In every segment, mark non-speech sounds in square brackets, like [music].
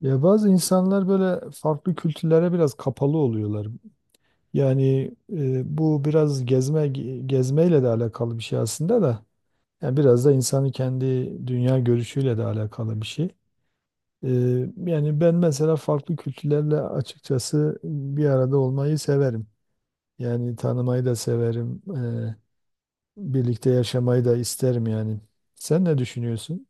Ya bazı insanlar böyle farklı kültürlere biraz kapalı oluyorlar. Yani bu biraz gezmeyle de alakalı bir şey aslında da. Yani biraz da insanın kendi dünya görüşüyle de alakalı bir şey. E, Yani ben mesela farklı kültürlerle açıkçası bir arada olmayı severim. Yani tanımayı da severim. Birlikte yaşamayı da isterim yani. Sen ne düşünüyorsun?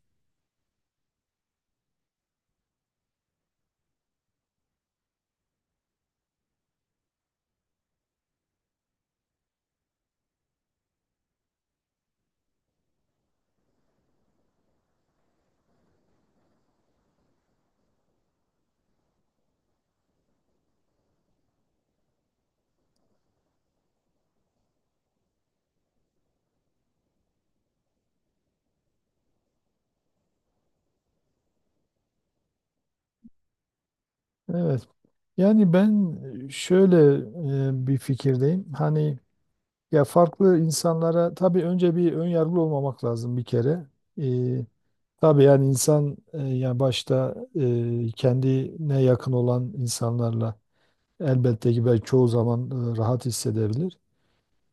Evet. Yani ben şöyle bir fikirdeyim. Hani ya farklı insanlara tabii önce bir ön yargılı olmamak lazım bir kere. Ee, tabii yani insan yani başta kendine yakın olan insanlarla elbette ki belki çoğu zaman rahat hissedebilir.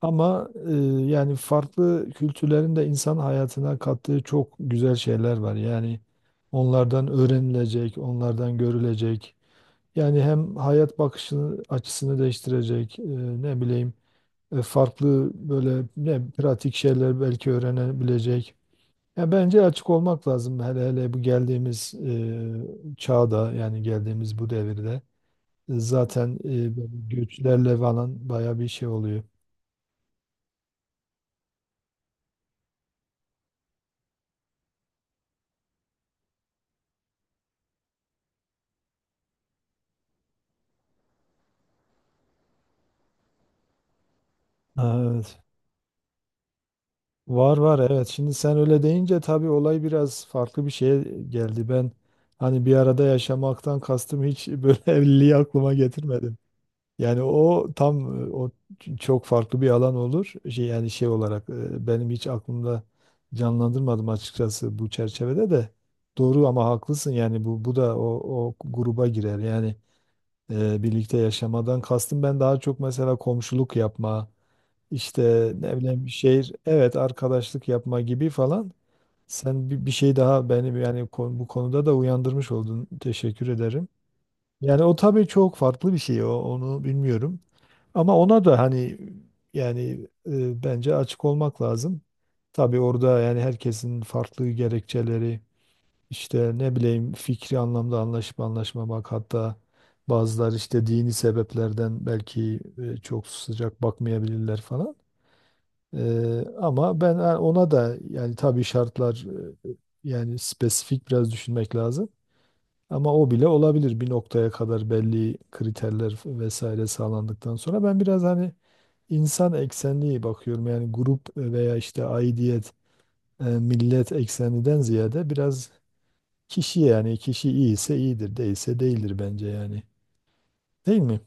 Ama yani farklı kültürlerin de insan hayatına kattığı çok güzel şeyler var. Yani onlardan öğrenilecek, onlardan görülecek. Yani hem hayat bakışını açısını değiştirecek, ne bileyim farklı böyle ne pratik şeyler belki öğrenebilecek. Ya bence açık olmak lazım hele hele bu geldiğimiz çağda yani geldiğimiz bu devirde. Zaten böyle göçlerle falan baya bir şey oluyor. Ha, evet. Var var, evet. Şimdi sen öyle deyince tabii olay biraz farklı bir şeye geldi. Ben hani bir arada yaşamaktan kastım hiç böyle [laughs] evliliği aklıma getirmedim. Yani o tam çok farklı bir alan olur. Şey, yani şey olarak benim hiç aklımda canlandırmadım açıkçası bu çerçevede de. Doğru ama haklısın yani bu da o gruba girer. Yani birlikte yaşamadan kastım ben daha çok mesela komşuluk yapma, işte ne bileyim bir şehir evet arkadaşlık yapma gibi falan. Sen bir şey daha benim yani bu konuda da uyandırmış oldun. Teşekkür ederim. Yani o tabii çok farklı bir şey. Onu bilmiyorum. Ama ona da hani yani bence açık olmak lazım. Tabii orada yani herkesin farklı gerekçeleri işte ne bileyim fikri anlamda anlaşıp anlaşmamak, hatta bazıları işte dini sebeplerden belki çok sıcak bakmayabilirler falan. Ama ben ona da yani tabii şartlar, e, yani spesifik biraz düşünmek lazım. Ama o bile olabilir bir noktaya kadar belli kriterler vesaire sağlandıktan sonra. Ben biraz hani insan eksenli bakıyorum yani grup veya işte aidiyet, millet eksenliden ziyade biraz kişi, yani kişi iyiyse iyidir, değilse değildir bence yani. Değil mi?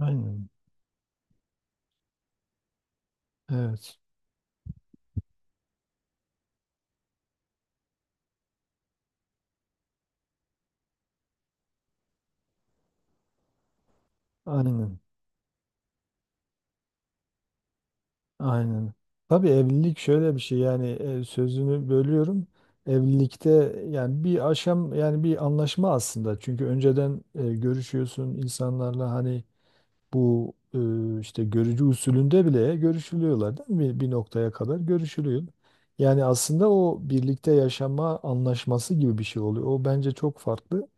Aynen. Evet. Aynen. Aynen. Tabii evlilik şöyle bir şey yani, sözünü bölüyorum. Evlilikte yani bir aşam yani bir anlaşma aslında. Çünkü önceden görüşüyorsun insanlarla hani. Bu işte görücü usulünde bile görüşülüyorlar değil mi? Bir noktaya kadar görüşülüyor. Yani aslında o birlikte yaşama anlaşması gibi bir şey oluyor. O bence çok farklı.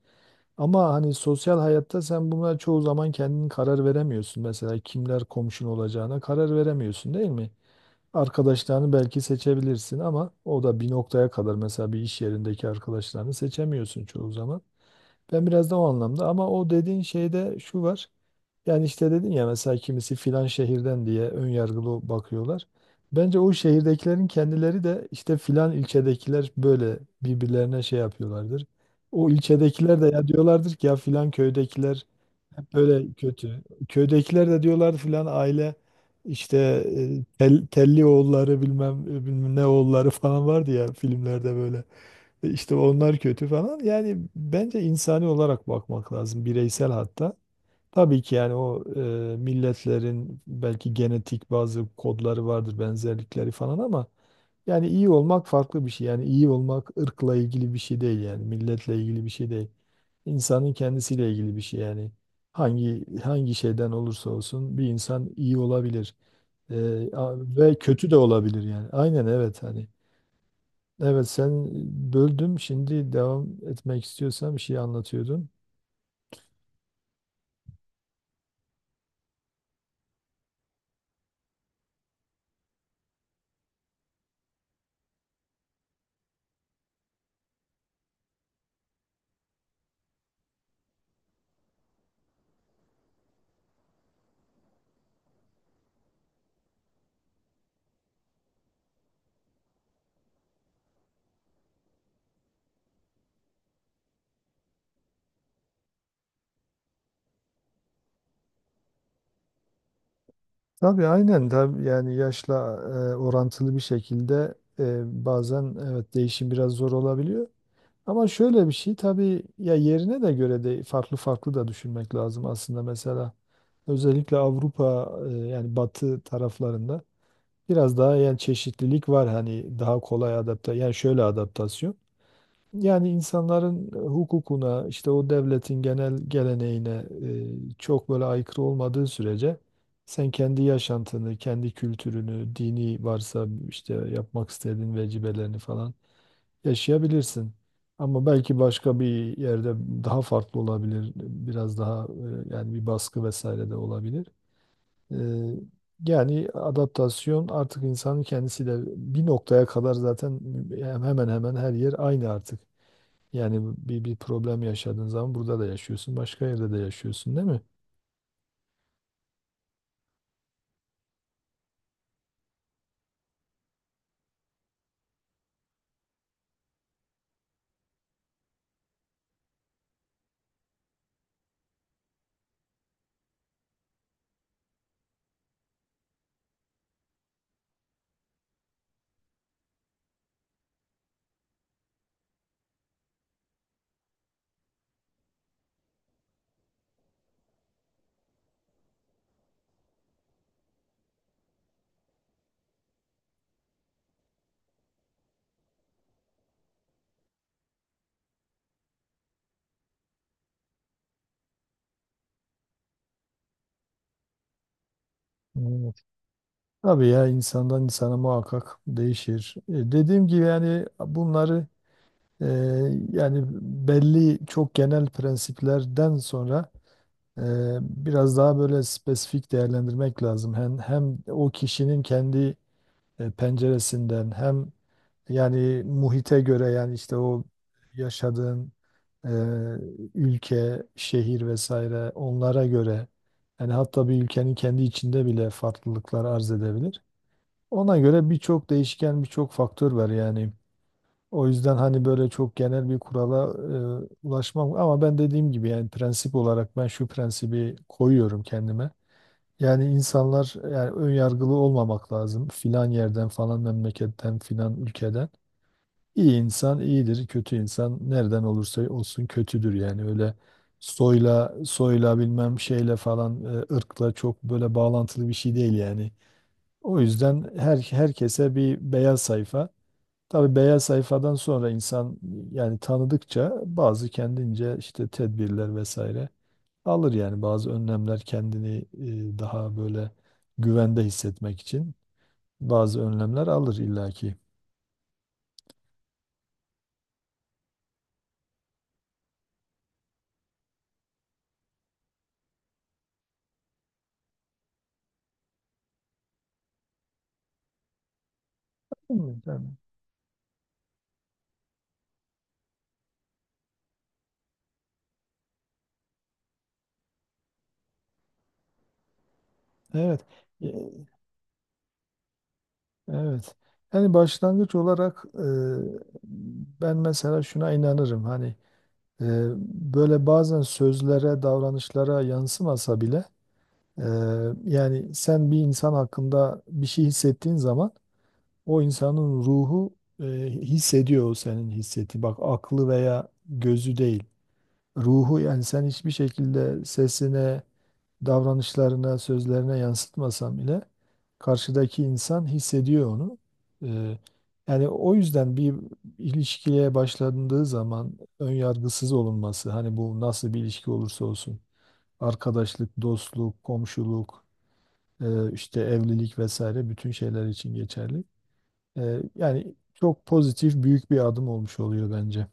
Ama hani sosyal hayatta sen bunlara çoğu zaman kendin karar veremiyorsun. Mesela kimler komşun olacağına karar veremiyorsun, değil mi? Arkadaşlarını belki seçebilirsin ama o da bir noktaya kadar, mesela bir iş yerindeki arkadaşlarını seçemiyorsun çoğu zaman. Ben biraz da o anlamda. Ama o dediğin şeyde şu var. Yani işte dedin ya, mesela kimisi filan şehirden diye ön yargılı bakıyorlar. Bence o şehirdekilerin kendileri de işte filan ilçedekiler böyle birbirlerine şey yapıyorlardır. O ilçedekiler de ya diyorlardır ki ya filan köydekiler hep böyle kötü. Köydekiler de diyorlar filan aile işte telli oğulları bilmem, bilmem ne oğulları [laughs] falan vardı ya filmlerde böyle. İşte onlar kötü falan. Yani bence insani olarak bakmak lazım, bireysel hatta. Tabii ki yani milletlerin belki genetik bazı kodları vardır, benzerlikleri falan, ama yani iyi olmak farklı bir şey. Yani iyi olmak ırkla ilgili bir şey değil, yani milletle ilgili bir şey değil. İnsanın kendisiyle ilgili bir şey yani. Hangi şeyden olursa olsun bir insan iyi olabilir. Ve kötü de olabilir yani. Aynen, evet, hani. Evet, sen. Böldüm. Şimdi devam etmek istiyorsan, bir şey anlatıyordun. Tabii aynen tabii, yani yaşla orantılı bir şekilde bazen evet değişim biraz zor olabiliyor. Ama şöyle bir şey, tabii ya yerine de göre de farklı farklı da düşünmek lazım aslında. Mesela özellikle Avrupa, yani Batı taraflarında biraz daha yani çeşitlilik var, hani daha kolay adapte, yani şöyle adaptasyon, yani insanların hukukuna, işte o devletin genel geleneğine çok böyle aykırı olmadığı sürece sen kendi yaşantını, kendi kültürünü, dini varsa işte yapmak istediğin vecibelerini falan yaşayabilirsin. Ama belki başka bir yerde daha farklı olabilir. Biraz daha yani bir baskı vesaire de olabilir. E, Yani adaptasyon artık insanın kendisi de bir noktaya kadar zaten hemen hemen her yer aynı artık. Yani bir problem yaşadığın zaman burada da yaşıyorsun, başka yerde de yaşıyorsun, değil mi? Evet. Tabii ya insandan insana muhakkak değişir. E, dediğim gibi yani bunları e, yani belli çok genel prensiplerden sonra e, biraz daha böyle spesifik değerlendirmek lazım. Hem o kişinin kendi penceresinden, hem yani muhite göre, yani işte o yaşadığın e, ülke, şehir vesaire, onlara göre. Yani hatta bir ülkenin kendi içinde bile farklılıklar arz edebilir. Ona göre birçok değişken, birçok faktör var yani. O yüzden hani böyle çok genel bir kurala ulaşmam, ama ben dediğim gibi yani prensip olarak ben şu prensibi koyuyorum kendime. Yani insanlar, yani ön yargılı olmamak lazım. Filan yerden, falan memleketten, filan ülkeden. İyi insan iyidir, kötü insan nereden olursa olsun kötüdür. Yani öyle soyla bilmem şeyle falan, ırkla çok böyle bağlantılı bir şey değil yani. O yüzden herkese bir beyaz sayfa. Tabii beyaz sayfadan sonra insan yani tanıdıkça bazı kendince işte tedbirler vesaire alır, yani bazı önlemler, kendini daha böyle güvende hissetmek için bazı önlemler alır illaki. Değil mi? Yani. Evet. E, Evet. Yani başlangıç olarak ben mesela şuna inanırım, hani e, böyle bazen sözlere, davranışlara yansımasa bile Ee, yani sen bir insan hakkında bir şey hissettiğin zaman o insanın ruhu e, hissediyor o senin hissettiği. Bak, aklı veya gözü değil. Ruhu. Yani sen hiçbir şekilde sesine, davranışlarına, sözlerine yansıtmasan bile karşıdaki insan hissediyor onu. Ee, Yani o yüzden bir ilişkiye başlandığı zaman ön yargısız olunması, hani bu nasıl bir ilişki olursa olsun, arkadaşlık, dostluk, komşuluk, işte evlilik vesaire bütün şeyler için geçerli. Yani çok pozitif büyük bir adım olmuş oluyor bence.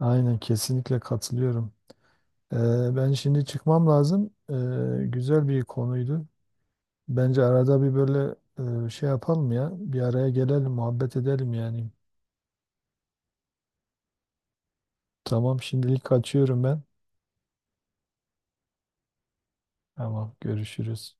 Aynen, kesinlikle katılıyorum. Ee, Ben şimdi çıkmam lazım. Güzel bir konuydu. Bence arada bir böyle şey yapalım ya. Bir araya gelelim, muhabbet edelim yani. Tamam, şimdilik kaçıyorum ben. Tamam, görüşürüz.